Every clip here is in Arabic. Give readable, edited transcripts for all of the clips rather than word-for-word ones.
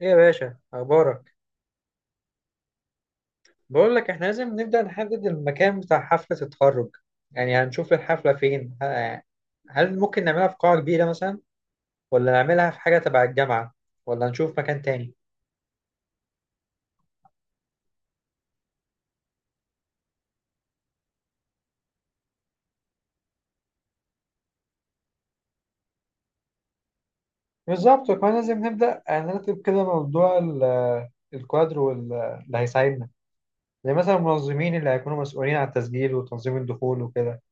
ايه يا باشا، اخبارك؟ بقول لك احنا لازم نبدأ نحدد المكان بتاع حفلة التخرج. يعني هنشوف الحفلة فين هل ممكن نعملها في قاعة كبيرة مثلا، ولا نعملها في حاجة تبع الجامعة، ولا نشوف مكان تاني؟ بالظبط، وكمان لازم نبدأ نرتب كده موضوع الكوادر اللي هيساعدنا، زي مثلا المنظمين اللي هيكونوا مسؤولين عن التسجيل وتنظيم الدخول وكده.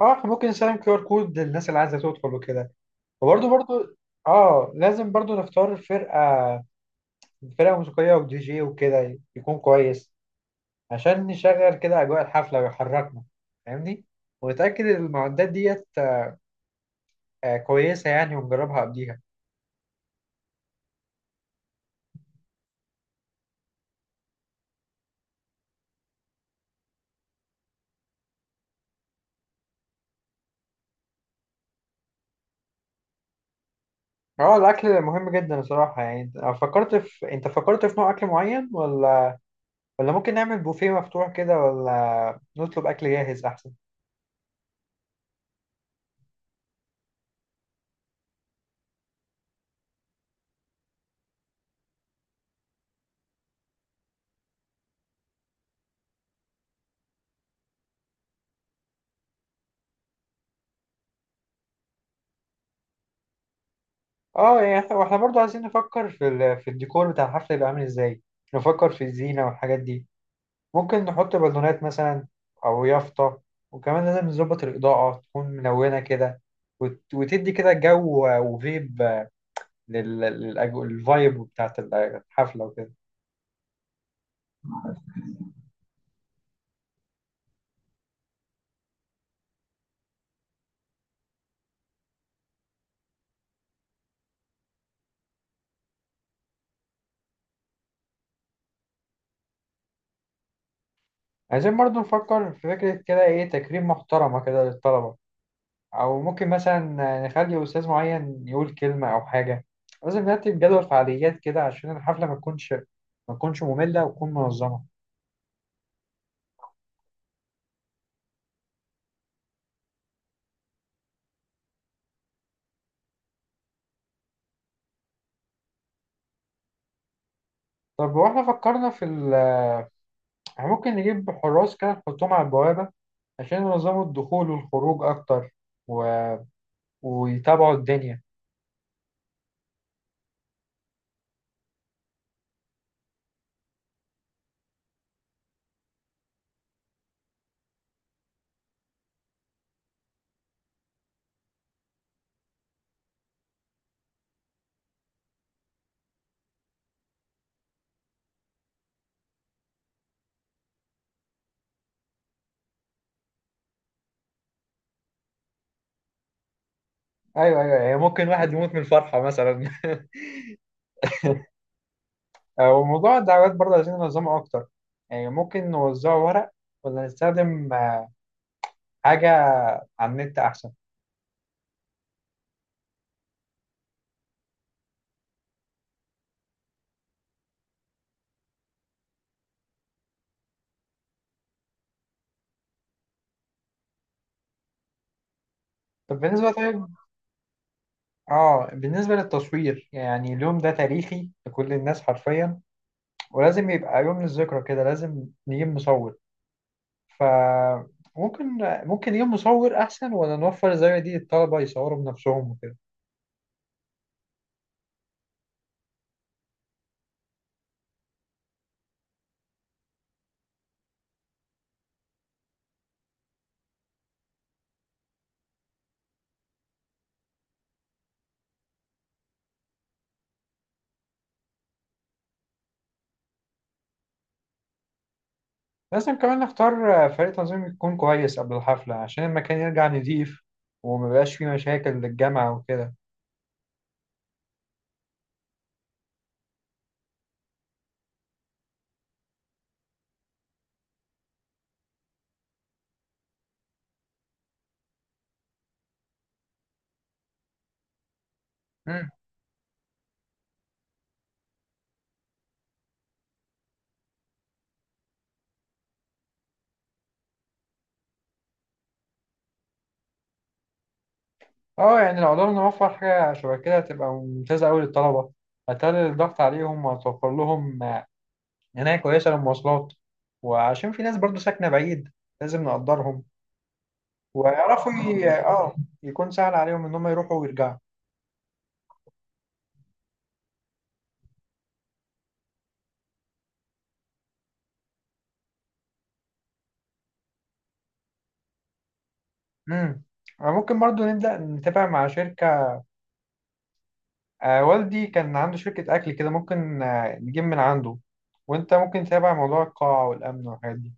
اه، احنا ممكن نسلم كيو ار كود للناس اللي عايزة تدخل وكده وبرضه. اه، لازم برضه نختار فرقة موسيقية ودي جي وكده يكون كويس عشان نشغل كده أجواء الحفلة ويحركنا، فاهمني؟ ونتأكد إن المعدات ديت كويسة يعني، ونجربها قبليها. اه، الأكل مهم جدا الصراحة. يعني أنت فكرت في نوع أكل معين، ولا ممكن نعمل بوفيه مفتوح كده، ولا نطلب أكل جاهز أحسن؟ اه، يعني واحنا برضه عايزين نفكر في الديكور بتاع الحفلة، يبقى عامل ازاي. نفكر في الزينة والحاجات دي، ممكن نحط بالونات مثلا أو يافطة. وكمان لازم نظبط الإضاءة تكون منونة كده، وتدي كده جو وفيب للفايب بتاعت الحفلة وكده. عايزين برضو نفكر في فكرة كده تكريم محترمة كده للطلبة، أو ممكن مثلا نخلي أستاذ معين يقول كلمة أو حاجة. لازم نرتب جدول فعاليات كده عشان الحفلة ما تكونش مملة وتكون منظمة. طب، واحنا فكرنا في ال احنا ممكن نجيب حراس كده نحطهم على البوابة عشان ينظموا الدخول والخروج أكتر و... ويتابعوا الدنيا. أيوه، أيوه، يعني ممكن واحد يموت من الفرحة مثلا أو موضوع الدعوات برضه عايزين ننظمه أكتر. يعني ممكن نوزعه ورق، ولا نستخدم حاجة على النت أحسن؟ طب بالنسبة طيب، بالنسبة للتصوير، يعني اليوم ده تاريخي لكل الناس حرفيا، ولازم يبقى يوم للذكرى كده، لازم نجيب مصور. فممكن ممكن يجيب مصور أحسن، ولا نوفر زي دي الطلبة يصوروا بنفسهم وكده؟ لازم كمان نختار فريق تنظيم يكون كويس قبل الحفلة عشان المكان يرجع نضيف، ومبقاش فيه مشاكل للجامعة وكده. مم. اه، يعني لو قدرنا نوفر حاجة شبه كده هتبقى ممتازة أوي للطلبة، هتقلل الضغط عليهم وهتوفر لهم عناية كويسة للمواصلات، وعشان في ناس برضو ساكنة بعيد، لازم نقدرهم، ويعرفوا ي... اه يكون سهل عليهم إن هم يروحوا ويرجعوا. امم ممكن برضو نبدأ نتابع مع شركة. والدي كان عنده شركة أكل كده، ممكن نجيب من عنده. وأنت ممكن تتابع موضوع القاعة والأمن والحاجات دي.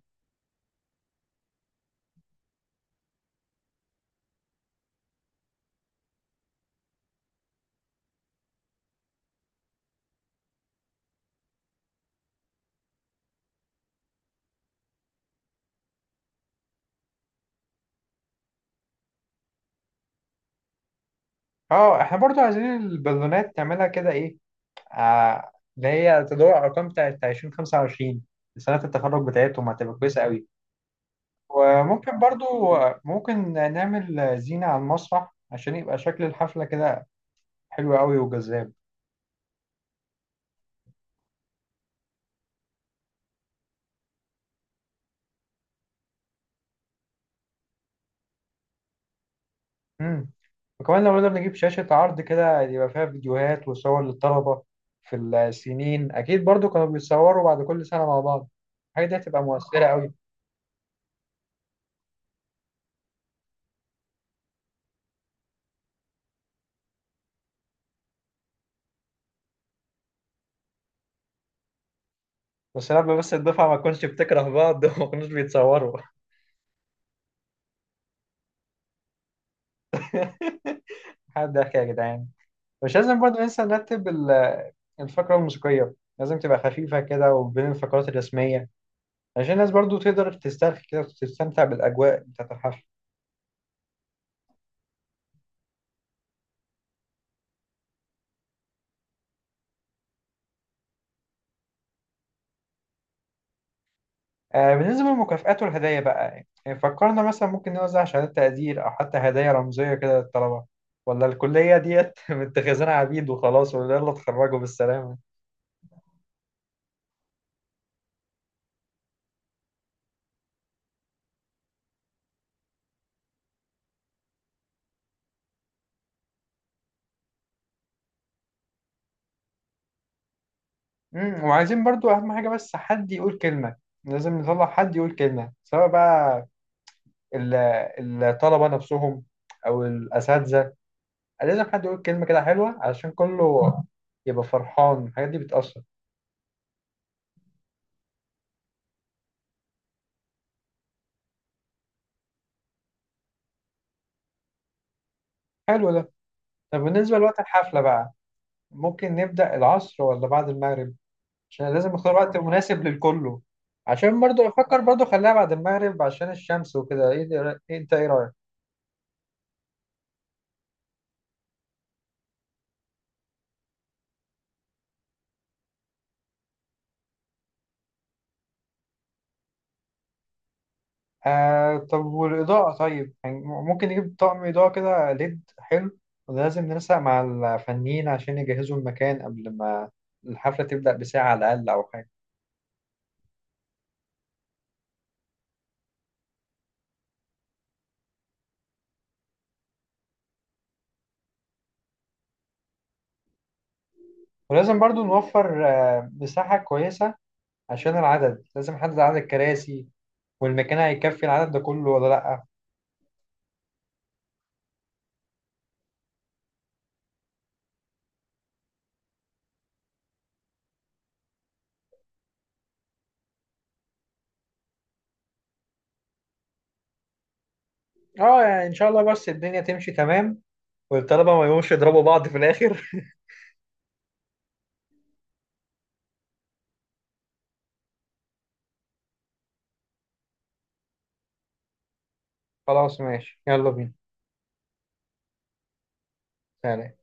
اه، احنا برضو عايزين البالونات تعملها كده ايه آه اللي هي تدور على الأرقام بتاعت 2025، سنة التخرج بتاعتهم، هتبقى كويسة قوي. وممكن برضو ممكن نعمل زينة على المسرح عشان يبقى شكل الحفلة كده حلو قوي وجذاب. امم وكمان لو نقدر نجيب شاشة عرض كده يبقى فيها فيديوهات وصور للطلبة، في السنين أكيد برضو كانوا بيتصوروا بعد كل سنة مع بعض، الحاجة دي هتبقى مؤثرة أوي. بس الدفعة ما تكونش بتكره بعض وما كانوش بيتصوروا. حد ضحك يا جدعان؟ مش لازم برضو ننسى نرتب الفقرة الموسيقية، لازم تبقى خفيفة كده وبين الفقرات الرسمية عشان الناس برضو تقدر تسترخي كده وتستمتع بالأجواء بتاعة الحفل. بالنسبة للمكافآت والهدايا بقى، يعني فكرنا مثلا ممكن نوزع شهادات تقدير أو حتى هدايا رمزية كده للطلبة، ولا الكلية ديت متخذينها عبيد وخلاص ولا يلا اتخرجوا بالسلامة؟ وعايزين برضو أهم حاجة، بس حد يقول كلمة، لازم نطلع حد يقول كلمة سواء بقى ال- الطلبة نفسهم أو الأساتذة. لازم حد يقول كلمة كده حلوة علشان كله يبقى فرحان، الحاجات دي بتأثر. حلو ده. طب، بالنسبة لوقت الحفلة بقى، ممكن نبدأ العصر ولا بعد المغرب؟ عشان لازم اختار وقت مناسب للكله. عشان برضو افكر برضو خليها بعد المغرب، عشان الشمس وكده. ايه ده، رأي- إيه انت ايه رايك؟ طب، والاضاءه، طيب يعني ممكن نجيب طقم اضاءه كده ليد حلو، ولازم ننسق مع الفنيين عشان يجهزوا المكان قبل ما الحفله تبدا بساعه على الاقل او حاجه. ولازم برضو نوفر مساحه كويسه، عشان العدد، لازم نحدد عدد الكراسي، والمكان هيكفي العدد ده كله ولا لا؟ اه، يعني ان شاء الله بس الدنيا تمشي تمام، والطلبة ما يقوموش يضربوا بعض في الآخر. خلاص، ماشي، يلا بينا. سلام.